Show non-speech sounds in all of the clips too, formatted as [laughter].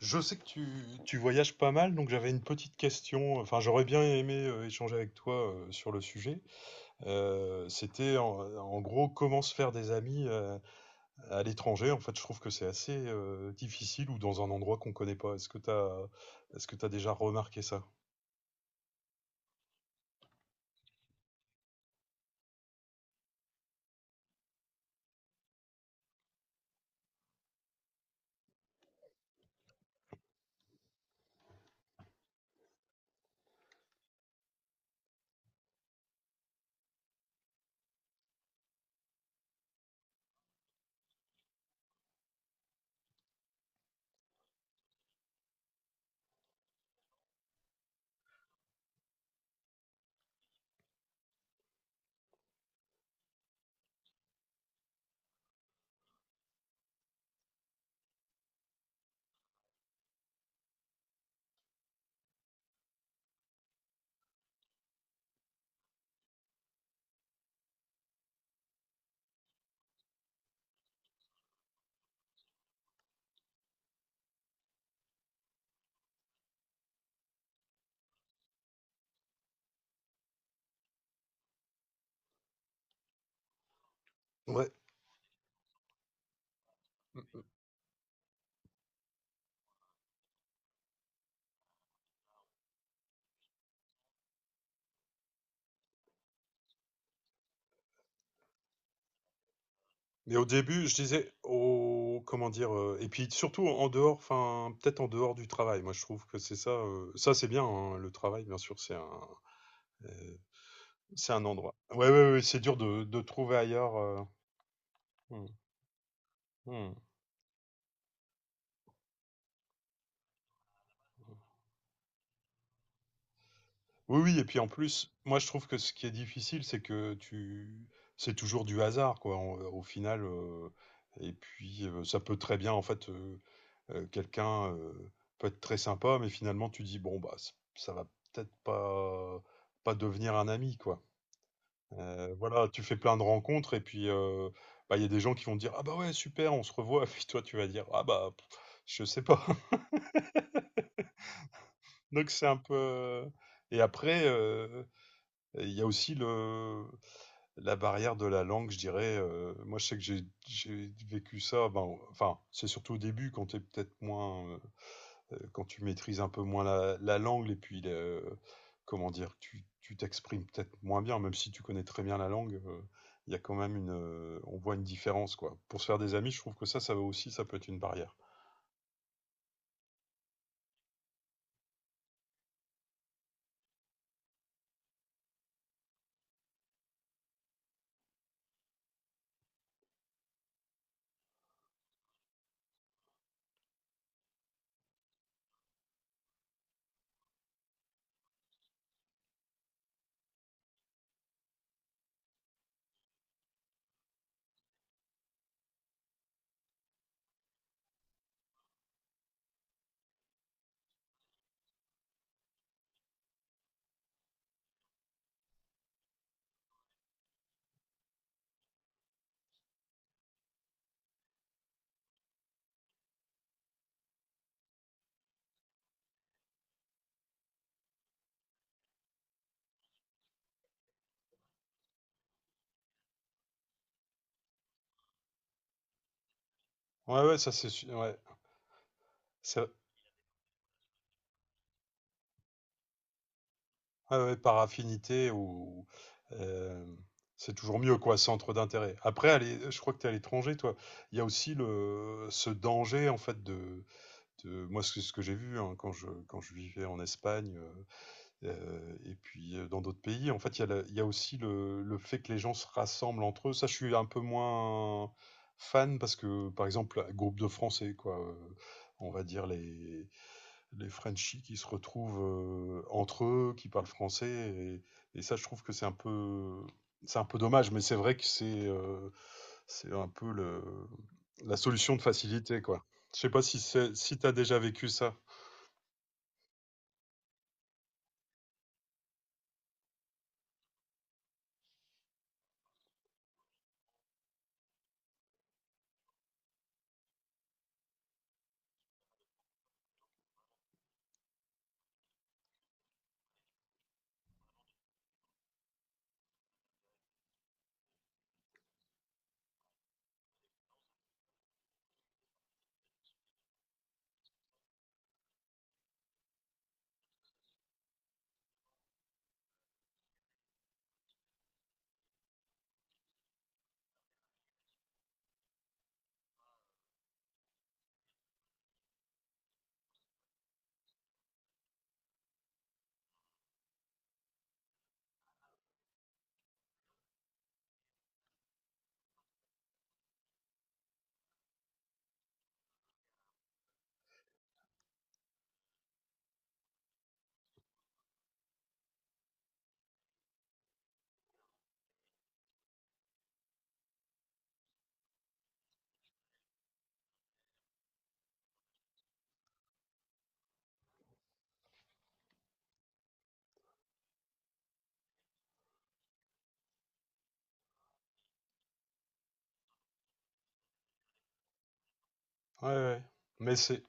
Je sais que tu voyages pas mal, donc j'avais une petite question. Enfin, j'aurais bien aimé échanger avec toi sur le sujet. C'était en gros comment se faire des amis à l'étranger. En fait, je trouve que c'est assez difficile ou dans un endroit qu'on connaît pas. Est-ce que t'as déjà remarqué ça? Ouais. Mais au début, je disais, au comment dire, et puis surtout en dehors, enfin, peut-être en dehors du travail. Moi, je trouve que c'est ça, ça c'est bien, hein, le travail, bien sûr, c'est euh, c'est un endroit. Ouais, ouais, ouais, c'est dur de trouver ailleurs. Hmm, hmm. Oui, oui, et puis en plus, moi je trouve que ce qui est difficile, c'est toujours du hasard, quoi, au final. Et puis ça peut très bien, en fait, quelqu'un peut être très sympa, mais finalement tu dis bon bah ça va peut-être pas devenir un ami, quoi. Voilà, tu fais plein de rencontres et puis bah, il y a des gens qui vont te dire ah bah ouais super, on se revoit. [laughs] Puis toi tu vas dire ah bah pff, je sais pas. Donc c'est un peu. Et après, il y a aussi la barrière de la langue, je dirais. Moi, je sais que j'ai vécu ça. Ben, enfin, c'est surtout au début, quand t'es peut-être moins, quand tu maîtrises un peu moins la langue, et puis, comment dire, tu t'exprimes peut-être moins bien, même si tu connais très bien la langue. Il y a quand même une, on voit une différence, quoi. Pour se faire des amis, je trouve que ça, ça peut être une barrière. Ouais, ouais, ça c'est, ouais, ça. Ouais, ouais, par affinité ou hem, c'est toujours mieux quoi, centre d'intérêt. Après à l'é je crois que tu es à l'étranger toi. Il y a aussi le ce danger en fait de moi c'est ce que j'ai vu, hein, quand je vivais en Espagne, et puis, dans d'autres pays. En fait, il y a aussi le fait que les gens se rassemblent entre eux. Ça, je suis un peu moins fan parce que, par exemple, groupe de Français quoi, on va dire les Frenchies qui se retrouvent entre eux, qui parlent français. Et ça, je trouve que c'est un peu dommage, mais c'est vrai que c'est un peu la solution de facilité, quoi. Je sais pas si si t'as déjà vécu ça. Ouais, ouais. Ouais. Mais c'est,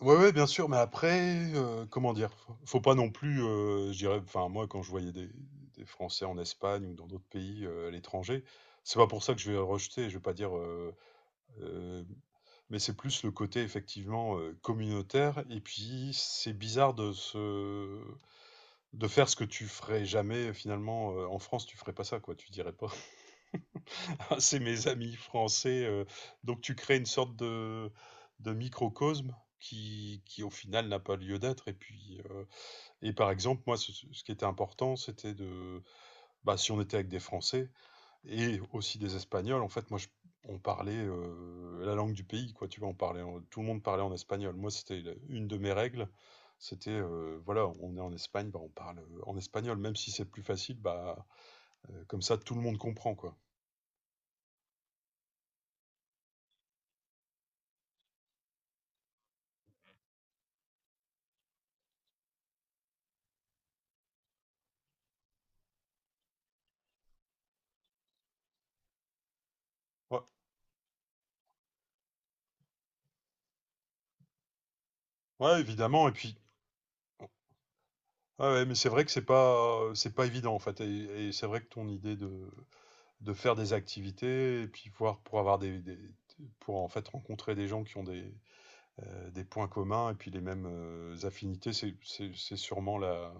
ouais, ouais, bien sûr. Mais après, comment dire, faut pas non plus, je dirais, enfin moi, quand je voyais des Français en Espagne ou dans d'autres pays à l'étranger, c'est pas pour ça que je vais rejeter. Je vais pas dire. Euh, Mais c'est plus le côté effectivement communautaire et puis c'est bizarre de se de faire ce que tu ferais jamais finalement en France, tu ferais pas ça quoi, tu dirais pas [laughs] ah, c'est mes amis français. Donc tu crées une sorte de microcosme qui au final n'a pas lieu d'être et puis et par exemple moi ce qui était important c'était de bah si on était avec des Français et aussi des Espagnols. En fait, moi, on parlait la langue du pays, quoi. Tu vois, on parlait, tout le monde parlait en espagnol. Moi, c'était une de mes règles. C'était, voilà, on est en Espagne, bah, on parle en espagnol, même si c'est plus facile. Bah, comme ça, tout le monde comprend, quoi. Ouais, ouais, évidemment. Et puis, ah ouais, mais c'est vrai que c'est pas évident, en fait. Et c'est vrai que ton idée de faire des activités et puis voir pour avoir pour en fait rencontrer des gens qui ont des points communs et puis les mêmes affinités, c'est c'est sûrement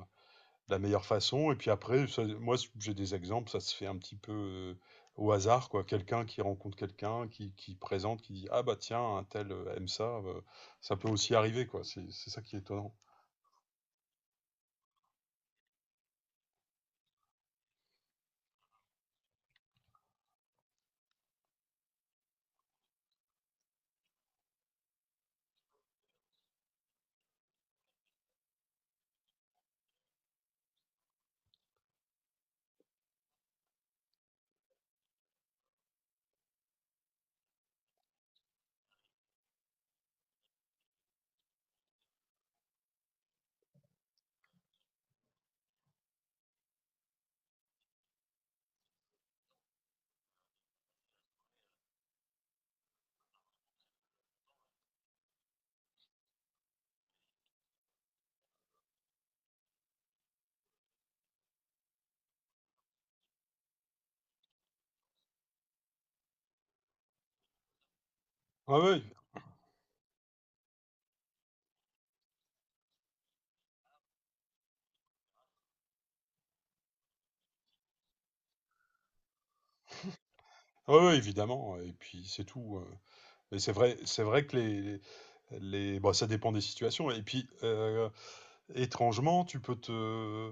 la meilleure façon. Et puis après, ça. Moi j'ai des exemples, ça se fait un petit peu au hasard, quoi. Quelqu'un qui rencontre quelqu'un, qui présente, qui dit ah bah tiens, un tel aime ça, ça peut aussi arriver, quoi. C'est ça qui est étonnant. Ah oui, ah ouais, évidemment. Et puis c'est tout. Mais c'est vrai que les, bon, ça dépend des situations. Et puis étrangement,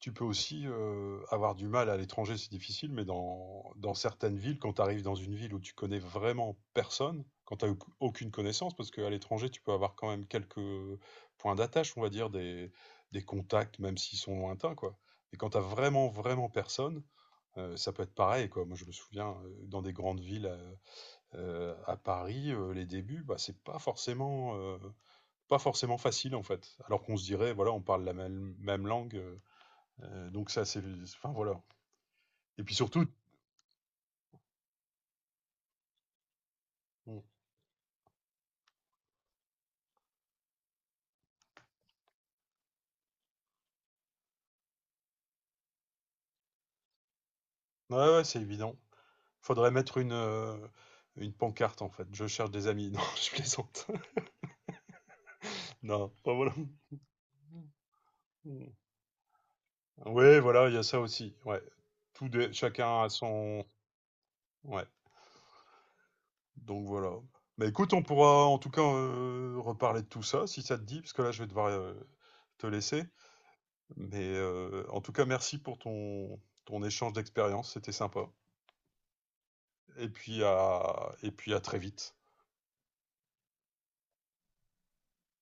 tu peux aussi avoir du mal à l'étranger, c'est difficile, mais dans certaines villes, quand tu arrives dans une ville où tu connais vraiment personne, quand tu n'as aucune connaissance, parce qu'à l'étranger, tu peux avoir quand même quelques points d'attache, on va dire, des contacts, même s'ils sont lointains, quoi. Et quand tu as vraiment, vraiment personne, ça peut être pareil, quoi. Moi, je me souviens, dans des grandes villes à Paris, les débuts, bah, c'est pas forcément pas forcément facile en fait. Alors qu'on se dirait, voilà, on parle la même langue, donc ça c'est, enfin voilà. Et puis surtout, bon, ouais ouais, c'est évident. Faudrait mettre une pancarte en fait. Je cherche des amis. [laughs] Non, je plaisante. [laughs] Non, enfin, voilà. Ouais, voilà, il y a ça aussi. Ouais, tout chacun a son, ouais. Donc voilà. Bah écoute, on pourra en tout cas reparler de tout ça si ça te dit, parce que là je vais devoir te laisser. Mais en tout cas, merci pour ton, ton échange d'expérience, c'était sympa. Et puis à très vite.